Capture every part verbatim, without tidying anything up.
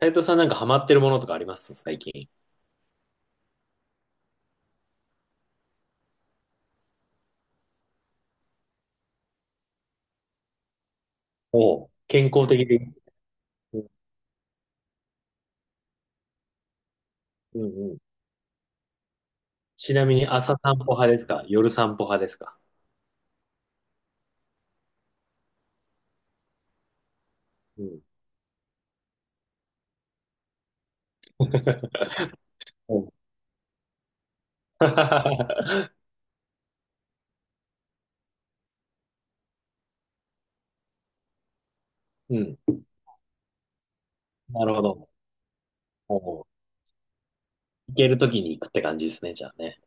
斉藤さんなんかハマってるものとかあります最近。おう健康的で。うんうんうん。ちなみに朝散歩派ですか夜散歩派ですか？うん。おう うん。なるほど。おう、行けるときに行くって感じですね、じゃあね。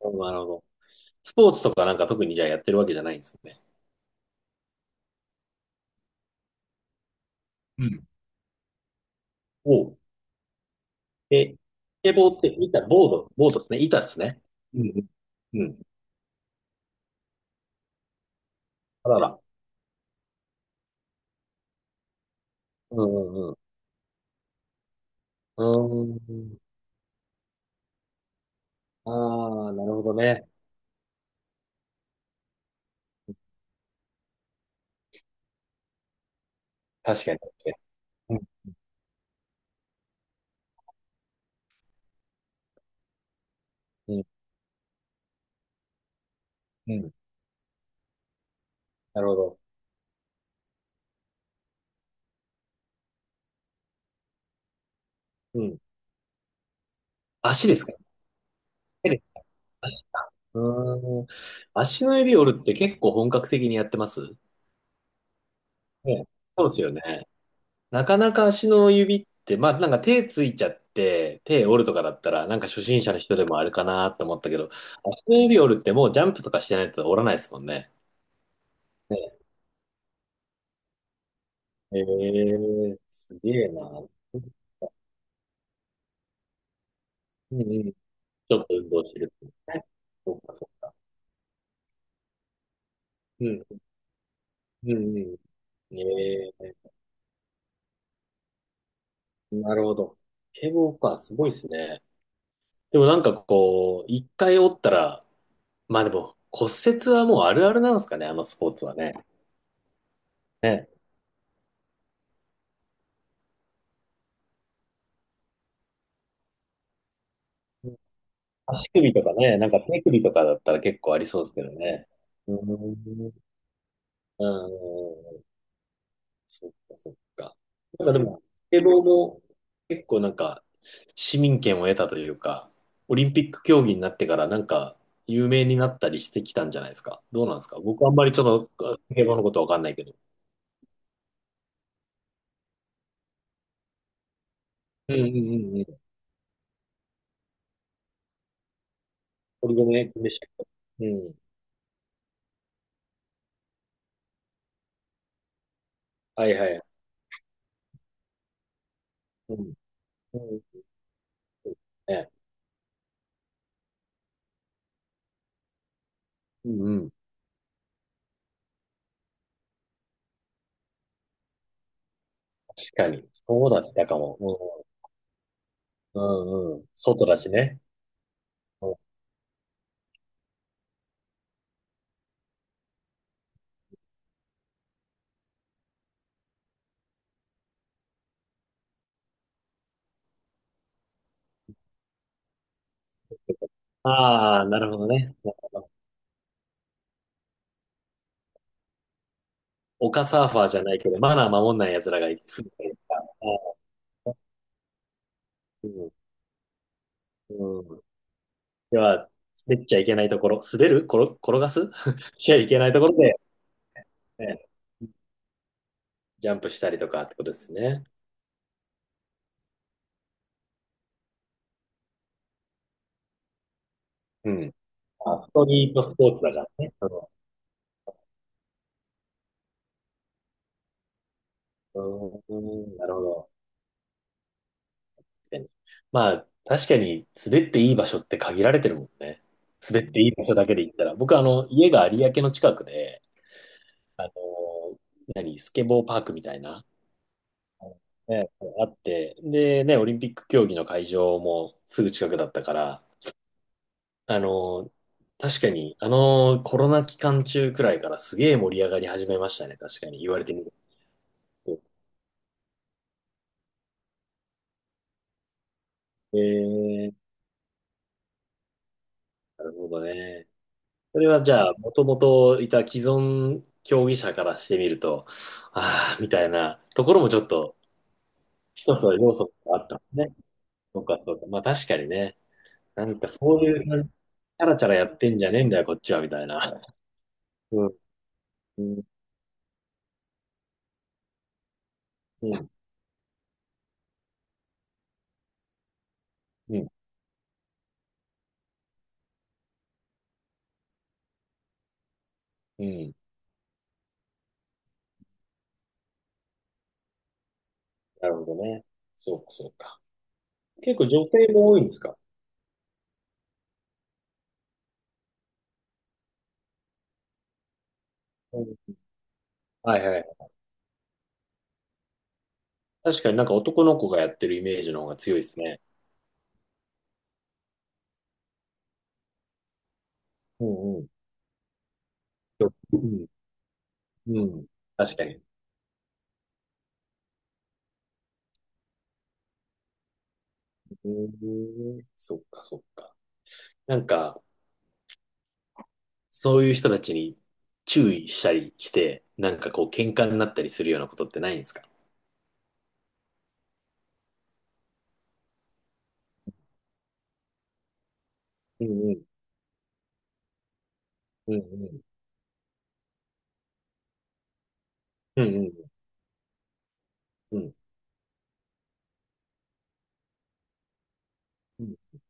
おう、なるほど。スポーツとかなんか特にじゃあやってるわけじゃないんですね。うん。おう。え、スケボーって板、ボード、ボードですね。板ですね。うんうん。うん、あらら。うんうんうん。うーん。ああ、なるほどね。確かに、確かに。うん、うん、うん。なるほど。うん。足ですか、手で、足か。うーん。足の指折るって結構本格的にやってますね、そうですよね。なかなか足の指って、まあなんか手ついちゃって、手折るとかだったら、なんか初心者の人でもあれかなと思ったけど、足の指折るってもうジャンプとかしてないと折らないですもんね。ね。えー、すげえな。うん、うん。ちょっと運動してるってことね。そっかそっか。うん、うん、うん。ええ、なるほど。堤防か、すごいですね。でもなんかこう、一回折ったら、まあでも骨折はもうあるあるなんですかね、あのスポーツはね。ね。足首とかね、なんか手首とかだったら結構ありそうですけどね。うーん。うん。そっかそっか。なんかでも、スケボーも結構なんか市民権を得たというか、オリンピック競技になってからなんか有名になったりしてきたんじゃないですか。どうなんですか、僕あんまりその、スケボーのことわかんないけど。うんうんうんうん。堀米君でしたっけ、うん。はいはい。うん。うん。ね。うんうん。確かに。そうだったかも。うんうんうん。外だしね。うん、ああ、なるほどね。なるほど。丘サーファーじゃないけど、マナー守んない奴らがいるみたいな。うん。うん。では、滑っちゃいけないところ、滑る転、転がす しちゃいけないところで、ね、ジャンプしたりとかってことですよね。うん。あ、ストリートスポーツだからね。うん。うん、なるほど。確かに、まあ、確かに滑っていい場所って限られてるもんね。滑っていい場所だけで言ったら。僕、あの、家が有明の近くで、あの、何、スケボーパークみたいな、ね、あって、で、ね、オリンピック競技の会場もすぐ近くだったから、あの、確かに、あの、コロナ期間中くらいからすげえ盛り上がり始めましたね。確かに、言われてみると。えー、なるほどね。それはじゃあ、もともといた既存競技者からしてみると、ああ、みたいなところもちょっと一つの要素があったんですね。そうか、そうか。まあ確かにね。なんかそういう感じ、チャラチャラやってんじゃねえんだよ、こっちは、みたいな。うん、うん、うん、うん。うん、なるほどね。そうか、そうか。結構女性も多いんですか？うん。はいはい。確かになんか男の子がやってるイメージの方が強いですね。うんうん。うん、うん。確かに。うん、そっか、そっか。なんか、そういう人たちに注意したりして、なんかこう、喧嘩になったりするようなことってないんですか？うんうん、うんうん、うんうん、うん、う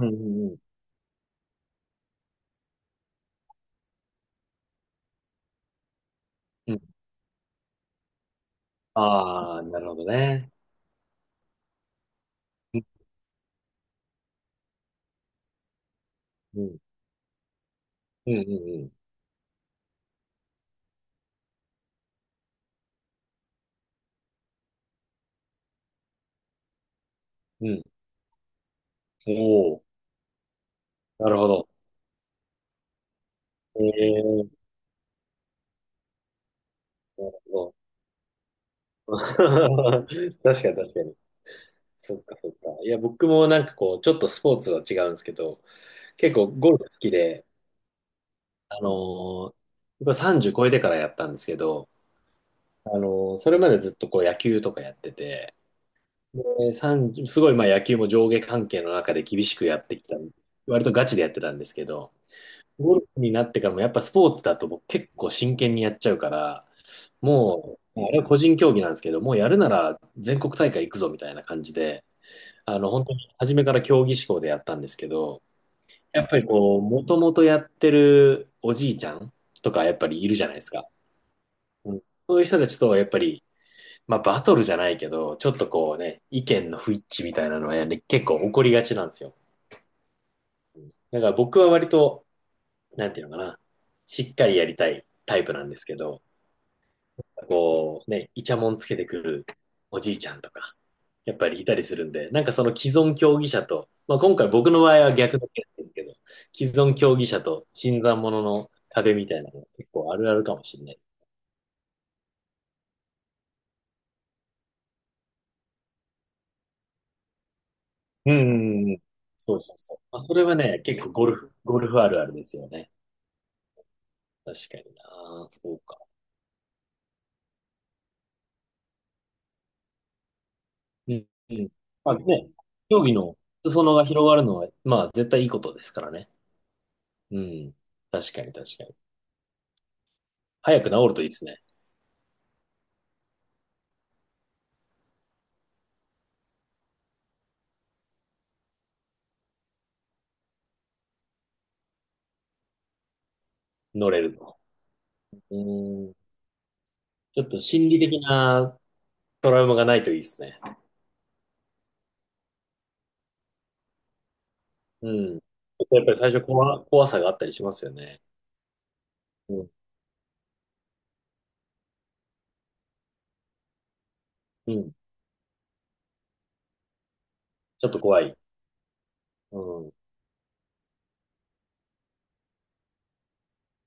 ん、うん、うん。うん、ああ、なるほどね。うん、うん、うん、うん、うん。おお、ー、なるほど。ええ、なるほど。確かに確かに。そっかそっか。いや、僕もなんかこう、ちょっとスポーツは違うんですけど、結構ゴルフ好きで、あのー、やっぱさんじゅう超えてからやったんですけど、あの、それまでずっとこう野球とかやってて、で、さんすごいまあ野球も上下関係の中で厳しくやってきた、割とガチでやってたんですけど、ゴルフになってからもやっぱスポーツだと僕結構真剣にやっちゃうから、もう、あれは個人競技なんですけど、もうやるなら全国大会行くぞみたいな感じで、あの、本当に初めから競技志向でやったんですけど、やっぱりこう、もともとやってるおじいちゃんとかやっぱりいるじゃないですか。うん、そういう人たちとはやっぱり、まあ、バトルじゃないけど、ちょっとこうね、意見の不一致みたいなのは、ね、結構起こりがちなんですよ。だから僕は割と、なんていうのかな、しっかりやりたいタイプなんですけど、こうね、イチャモンつけてくるおじいちゃんとか、やっぱりいたりするんで、なんかその既存競技者と、まあ、今回僕の場合は逆のケースですけど、既存競技者と新参者の壁みたいなの結構あるあるかもしれない。うんうんうん。そうそうそう。まあ、それはね、結構ゴルフ、ゴルフあるあるですよね。確かにな。そうか。うん。うん。まあね、競技の裾野が広がるのは、まあ絶対いいことですからね。うん。確かに確かに。早く治るといいですね。乗れるの。うん。ちょっと心理的なトラウマがないといいですね。うん。やっぱり最初怖、怖さがあったりしますよね。うん。うん。ちょっと怖い。うん。